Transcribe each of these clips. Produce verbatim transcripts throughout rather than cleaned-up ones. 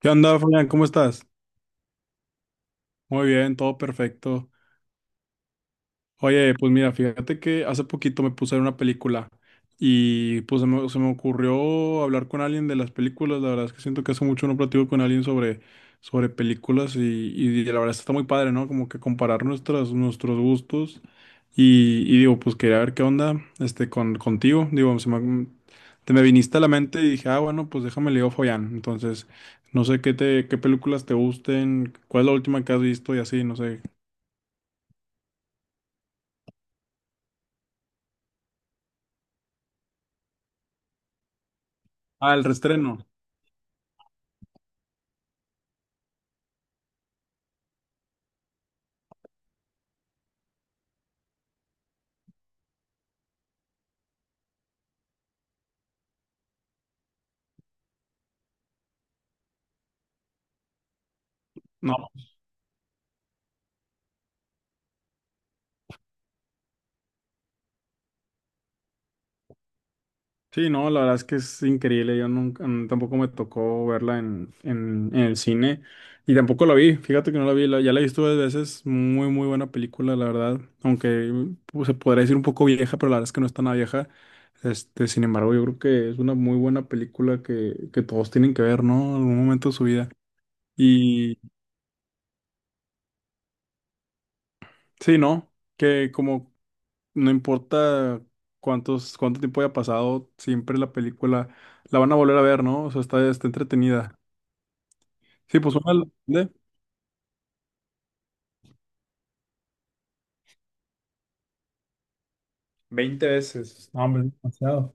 ¿Qué onda, Fabián? ¿Cómo estás? Muy bien, todo perfecto. Oye, pues mira, fíjate que hace poquito me puse a ver una película y pues se me, se me ocurrió hablar con alguien de las películas. La verdad es que siento que hace mucho no platico con alguien sobre, sobre películas y, y la verdad está muy padre, ¿no? Como que comparar nuestras, nuestros gustos y, y digo, pues quería ver qué onda este, con, contigo. Digo, se me, te me viniste a la mente y dije, ah, bueno, pues déjame leo Follán. Entonces, no sé qué, te, qué películas te gusten, cuál es la última que has visto y así, no sé. Ah, el restreno. No. Sí, no, la verdad es que es increíble. Yo nunca, mm, tampoco me tocó verla en, en, en el cine y tampoco la vi. Fíjate que no la vi, la- ya la he visto varias veces. Muy, muy buena película, la verdad. Aunque pues, se podría decir un poco vieja, pero la verdad es que no es tan vieja. Este, sin embargo, yo creo que es una muy buena película que, que todos tienen que ver, ¿no? En algún momento de su vida. Y sí, ¿no? Que como no importa cuántos, cuánto tiempo haya pasado, siempre la película la van a volver a ver, ¿no? O sea, está, está entretenida. Sí, pues una, ¿de? veinte veces. No, hombre, es demasiado.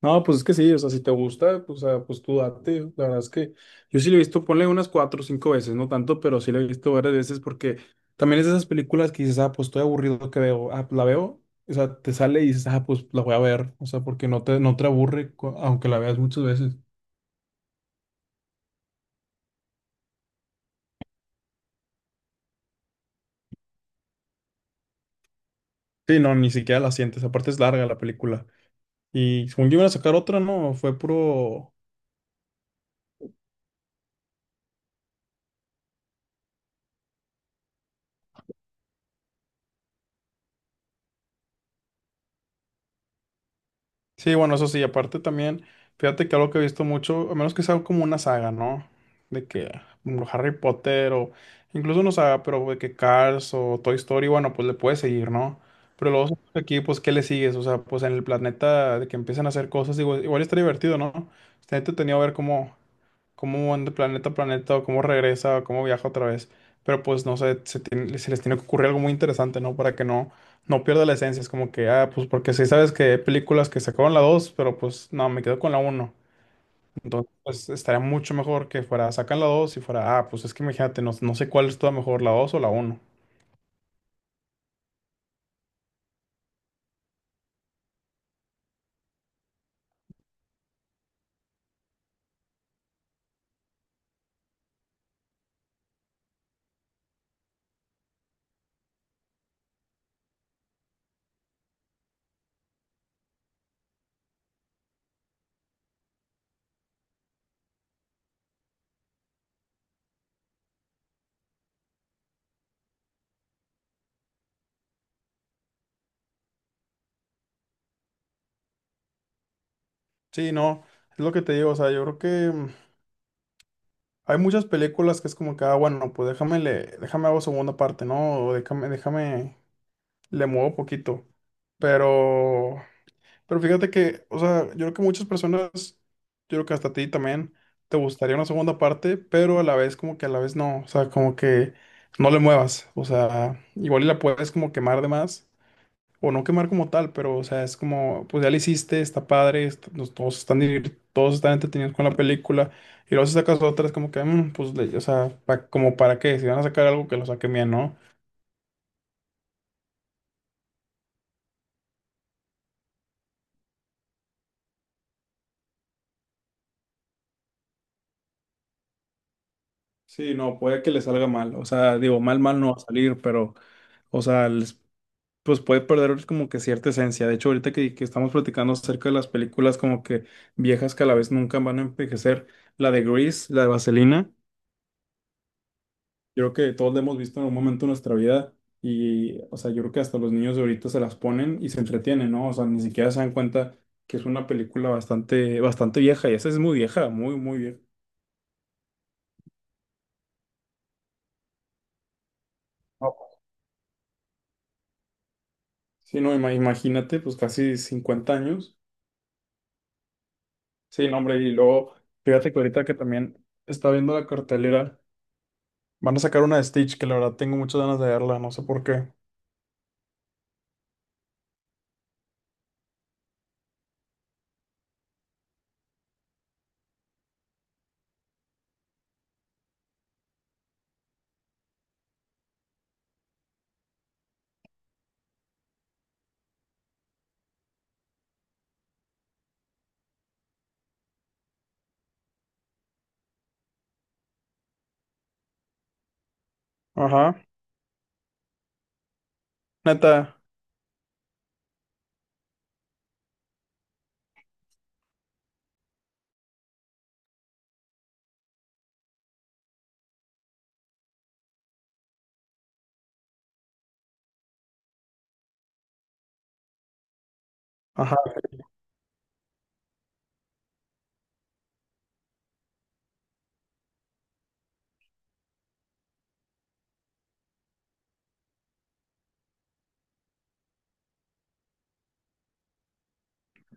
No, pues es que sí, o sea, si te gusta, pues, o sea, pues tú date. La verdad es que yo sí lo he visto, ponle unas cuatro o cinco veces, no tanto, pero sí lo he visto varias veces porque también es de esas películas que dices, ah, pues estoy aburrido que veo, ah, pues, la veo, o sea, te sale y dices, ah, pues la voy a ver, o sea, porque no te, no te aburre cu- aunque la veas muchas veces. Sí, no, ni siquiera la sientes, aparte es larga la película. Y según yo iban a sacar otra, no, fue puro. Sí, bueno, eso sí, aparte también, fíjate que algo que he visto mucho, a menos que sea como una saga, ¿no? De que mm, Harry Potter o incluso no saga, pero de que Cars o Toy Story, bueno, pues le puedes seguir, ¿no? Pero luego sabes que aquí, pues, ¿qué le sigues? O sea, pues en el planeta de que empiezan a hacer cosas, digo, igual está divertido, ¿no? Está entretenido ver cómo, cómo van de planeta a planeta, o cómo regresa, o cómo viaja otra vez. Pero pues no sé, se, tiene- se les tiene que ocurrir algo muy interesante, ¿no? Para que no, no pierda la esencia. Es como que, ah, pues porque sí sabes que hay películas que sacaron la dos pero pues no, me quedo con la uno. Entonces, pues estaría mucho mejor que fuera, sacan la dos y fuera, ah, pues es que imagínate, no, no sé cuál es toda mejor, la dos o la uno. Sí, no, es lo que te digo, o sea, yo creo que mm, hay muchas películas que es como que, ah, bueno, pues déjame, le, déjame hago segunda parte, ¿no? O déjame, déjame le muevo poquito. Pero, pero fíjate que, o sea, yo creo que muchas personas, yo creo que hasta a ti también, te gustaría una segunda parte, pero a la vez como que a la vez no, o sea, como que no le muevas, o sea, igual y la puedes como quemar de más, o no quemar como tal, pero, o sea, es como, pues ya la hiciste, está padre, est- nos- todos están, divir- todos están entretenidos con la película, y luego si sacas otra es como que, mm, pues, le- o sea, pa- como para qué, si van a sacar algo que lo saquen bien, ¿no? Sí, no, puede que le salga mal. O sea, digo, mal, mal no va a salir, pero, o sea, les- pues puede perder como que cierta esencia. De hecho, ahorita que, que estamos platicando acerca de las películas como que viejas que a la vez nunca van a envejecer, la de Grease, la de Vaselina, yo creo que todos la hemos visto en algún momento de nuestra vida. Y, o sea, yo creo que hasta los niños de ahorita se las ponen y se entretienen, ¿no? O sea, ni siquiera se dan cuenta que es una película bastante, bastante vieja. Y esa es muy vieja, muy, muy vieja. No, sí, no, ima- imagínate, pues casi cincuenta años. Sí, no, hombre, y luego, fíjate que ahorita que también está viendo la cartelera, van a sacar una de Stitch, que la verdad tengo muchas ganas de verla, no sé por qué. Ajá, neta, ajá,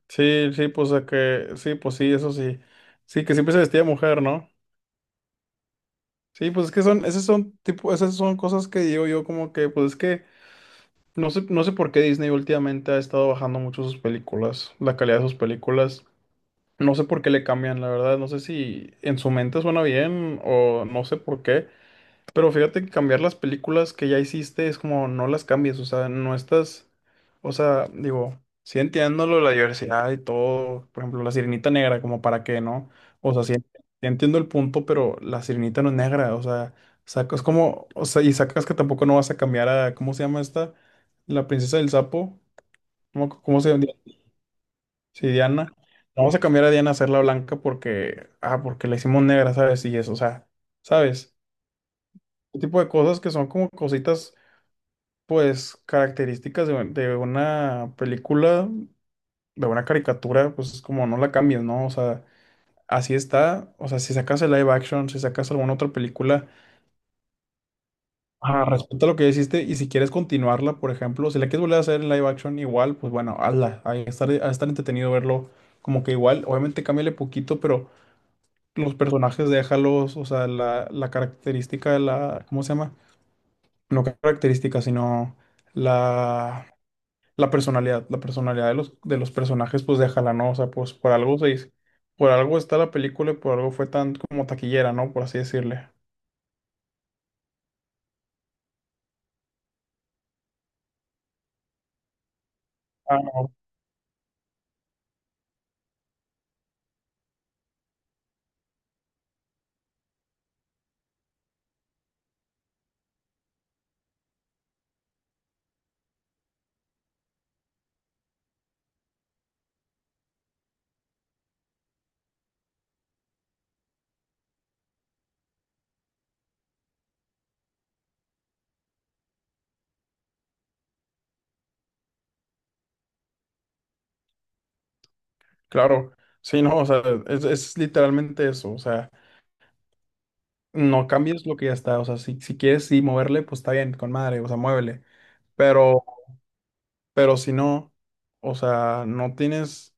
sí, sí, pues a que, sí, pues sí, eso sí. Sí, que siempre se vestía de mujer, ¿no? Sí, pues es que son, esas son tipo, esas son cosas que digo yo como que, pues es que no sé, no sé por qué Disney últimamente ha estado bajando mucho sus películas, la calidad de sus películas. No sé por qué le cambian, la verdad, no sé si en su mente suena bien o no sé por qué. Pero fíjate que cambiar las películas que ya hiciste es como no las cambies, o sea, no estás, o sea, digo, sí entiendo lo de la diversidad y todo, por ejemplo, la Sirenita Negra, como para qué, ¿no? O sea, sí, sí entiendo el punto, pero la Sirenita no es negra, o sea, sacas como, o sea, y sacas que tampoco no vas a cambiar a, ¿cómo se llama esta? La princesa del sapo, ¿cómo, cómo se llama? Sí, Diana. No vamos a cambiar a Diana a hacerla blanca porque, ah, porque la hicimos negra, ¿sabes? Y eso, o sea, ¿sabes? Este tipo de cosas que son como cositas pues características de, de una película, de una caricatura, pues es como no la cambies, ¿no? O sea, así está. O sea, si sacas el live action, si sacas alguna otra película, ah, respeta lo que ya hiciste y si quieres continuarla, por ejemplo, si la quieres volver a hacer en live action igual, pues bueno, hazla. Ahí estar, a estar entretenido verlo como que igual. Obviamente cámbiale poquito, pero los personajes déjalos, o sea, la, la característica de la, ¿cómo se llama? No característica, sino la... la personalidad, la personalidad de los, de los personajes, pues déjala, ¿no? O sea, pues por algo se hizo- por algo está la película y por algo fue tan como taquillera, ¿no? Por así decirle. Ah, no, claro, sí, no, o sea, es, es literalmente eso, o sea, no cambies lo que ya está, o sea, si, si quieres sí moverle, pues está bien, con madre, o sea, muévele, pero Pero, si no, o sea, no tienes,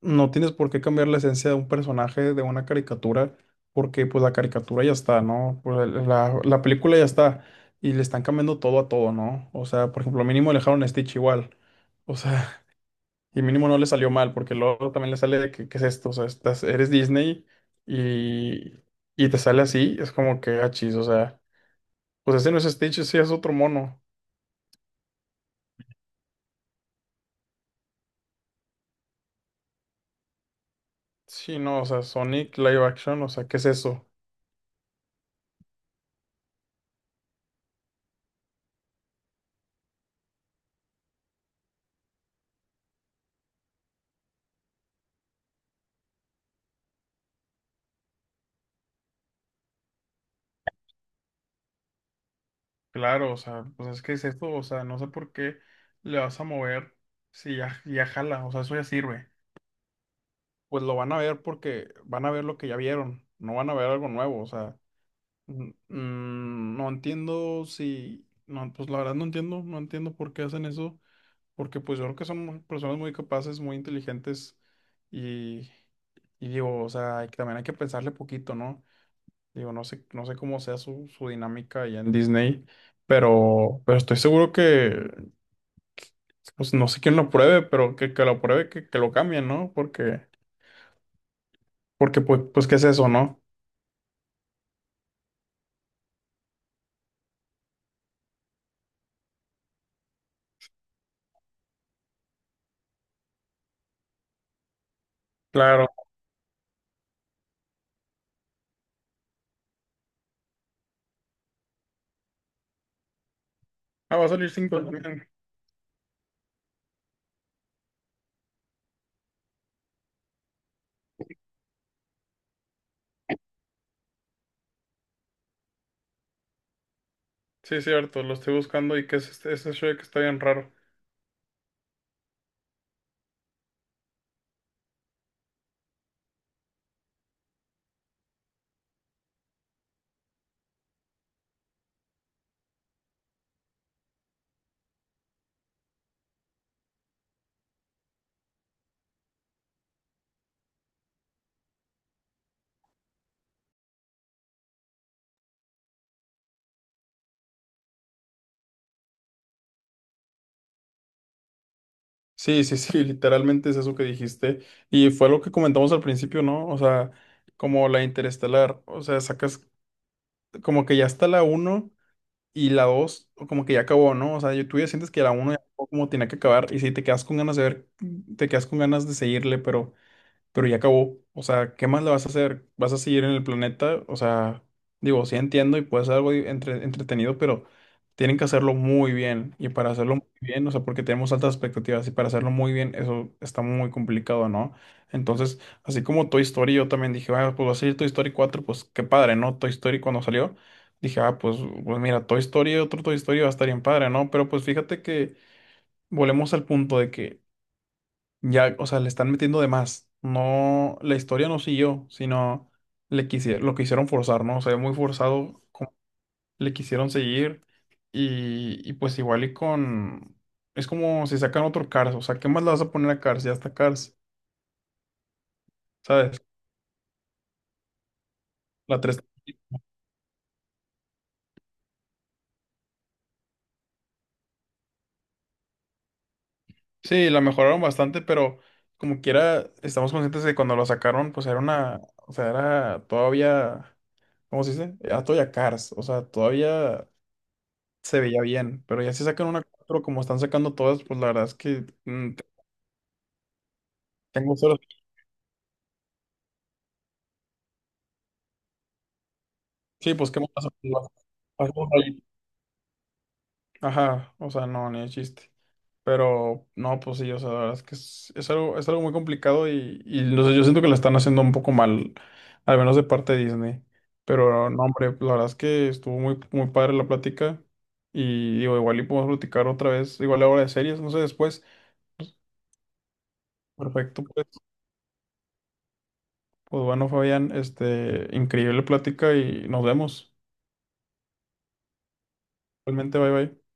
no tienes por qué cambiar la esencia de un personaje de una caricatura, porque pues la caricatura ya está, ¿no? Pues, el- la, la película ya está y le están cambiando todo a todo, ¿no? O sea, por ejemplo, mínimo le dejaron a Stitch igual. O sea, y mínimo no le salió mal, porque luego también le sale de que, ¿qué es esto? O sea, estás, eres Disney y, y te sale así, es como que achis, o sea, pues ese no es Stitch, sí es otro mono. Sí, no, o sea, Sonic Live Action, o sea, ¿qué es eso? Claro, o sea, pues es que es esto, o sea, no sé por qué le vas a mover si ya, ya jala, o sea, eso ya sirve. Pues lo van a ver porque van a ver lo que ya vieron, no van a ver algo nuevo, o sea, mm, mm, no entiendo si, no, pues la verdad no entiendo, no entiendo por qué hacen eso, porque pues yo creo que son muy- personas muy capaces, muy inteligentes y, y digo, o sea, hay que- también hay que pensarle poquito, ¿no? Digo, no sé, no sé cómo sea su, su dinámica allá en Disney, pero, pero estoy seguro que, pues no sé quién lo pruebe, pero que, que lo pruebe, que, que lo cambien, ¿no? Porque, porque pues, pues, ¿qué es eso, no? Claro. Ah, va a salir cinco también. Sí, cierto, lo estoy buscando y que es este, ese Shrek está bien raro. Sí, sí, sí, literalmente es eso que dijiste. Y fue lo que comentamos al principio, ¿no? O sea, como la Interestelar, o sea, sacas como que ya está la uno. Y la dos, como que ya acabó, ¿no? O sea, yo, tú ya sientes que la uno ya acabó como tenía que acabar y si te quedas con ganas de ver, te quedas con ganas de seguirle, pero pero ya acabó. O sea, ¿qué más le vas a hacer? ¿Vas a seguir en el planeta? O sea, digo, sí entiendo y puede ser algo di- entre- entretenido, pero tienen que hacerlo muy bien. Y para hacerlo muy bien, o sea, porque tenemos altas expectativas y para hacerlo muy bien, eso está muy complicado, ¿no? Entonces, así como Toy Story, yo también dije, bueno, pues va a salir Toy Story cuatro, pues qué padre, ¿no? Toy Story cuando salió. Dije, ah, pues, pues mira, Toy Story, otro Toy Story va a estar bien padre, ¿no? Pero pues fíjate que volvemos al punto de que ya, o sea, le están metiendo de más. No, la historia no siguió, sino le quisieron, lo quisieron forzar, ¿no? O sea, muy forzado, como le quisieron seguir y, y pues igual y con. Es como si sacan otro Cars, o sea, ¿qué más le vas a poner a Cars? Ya está Cars, ¿sabes? La tres sí, la mejoraron bastante, pero como quiera, estamos conscientes de que cuando lo sacaron, pues era una. O sea, era todavía. ¿Cómo se dice? Era todavía Cars, o sea, todavía se veía bien, pero ya si sacan una cuatro como están sacando todas, pues la verdad es que mm, te- tengo cero. Sí, pues qué más pasa. Ajá, o sea, no, ni de chiste. Pero no, pues sí, o sea, la verdad es que es, es algo, es algo muy complicado y, y no sé, yo siento que la están haciendo un poco mal, al menos de parte de Disney. Pero no, hombre, pues, la verdad es que estuvo muy, muy padre la plática. Y digo, igual y podemos platicar otra vez, igual ahora de series, no sé, después. Perfecto, pues. Pues bueno, Fabián, este, increíble plática y nos vemos. Realmente, bye bye.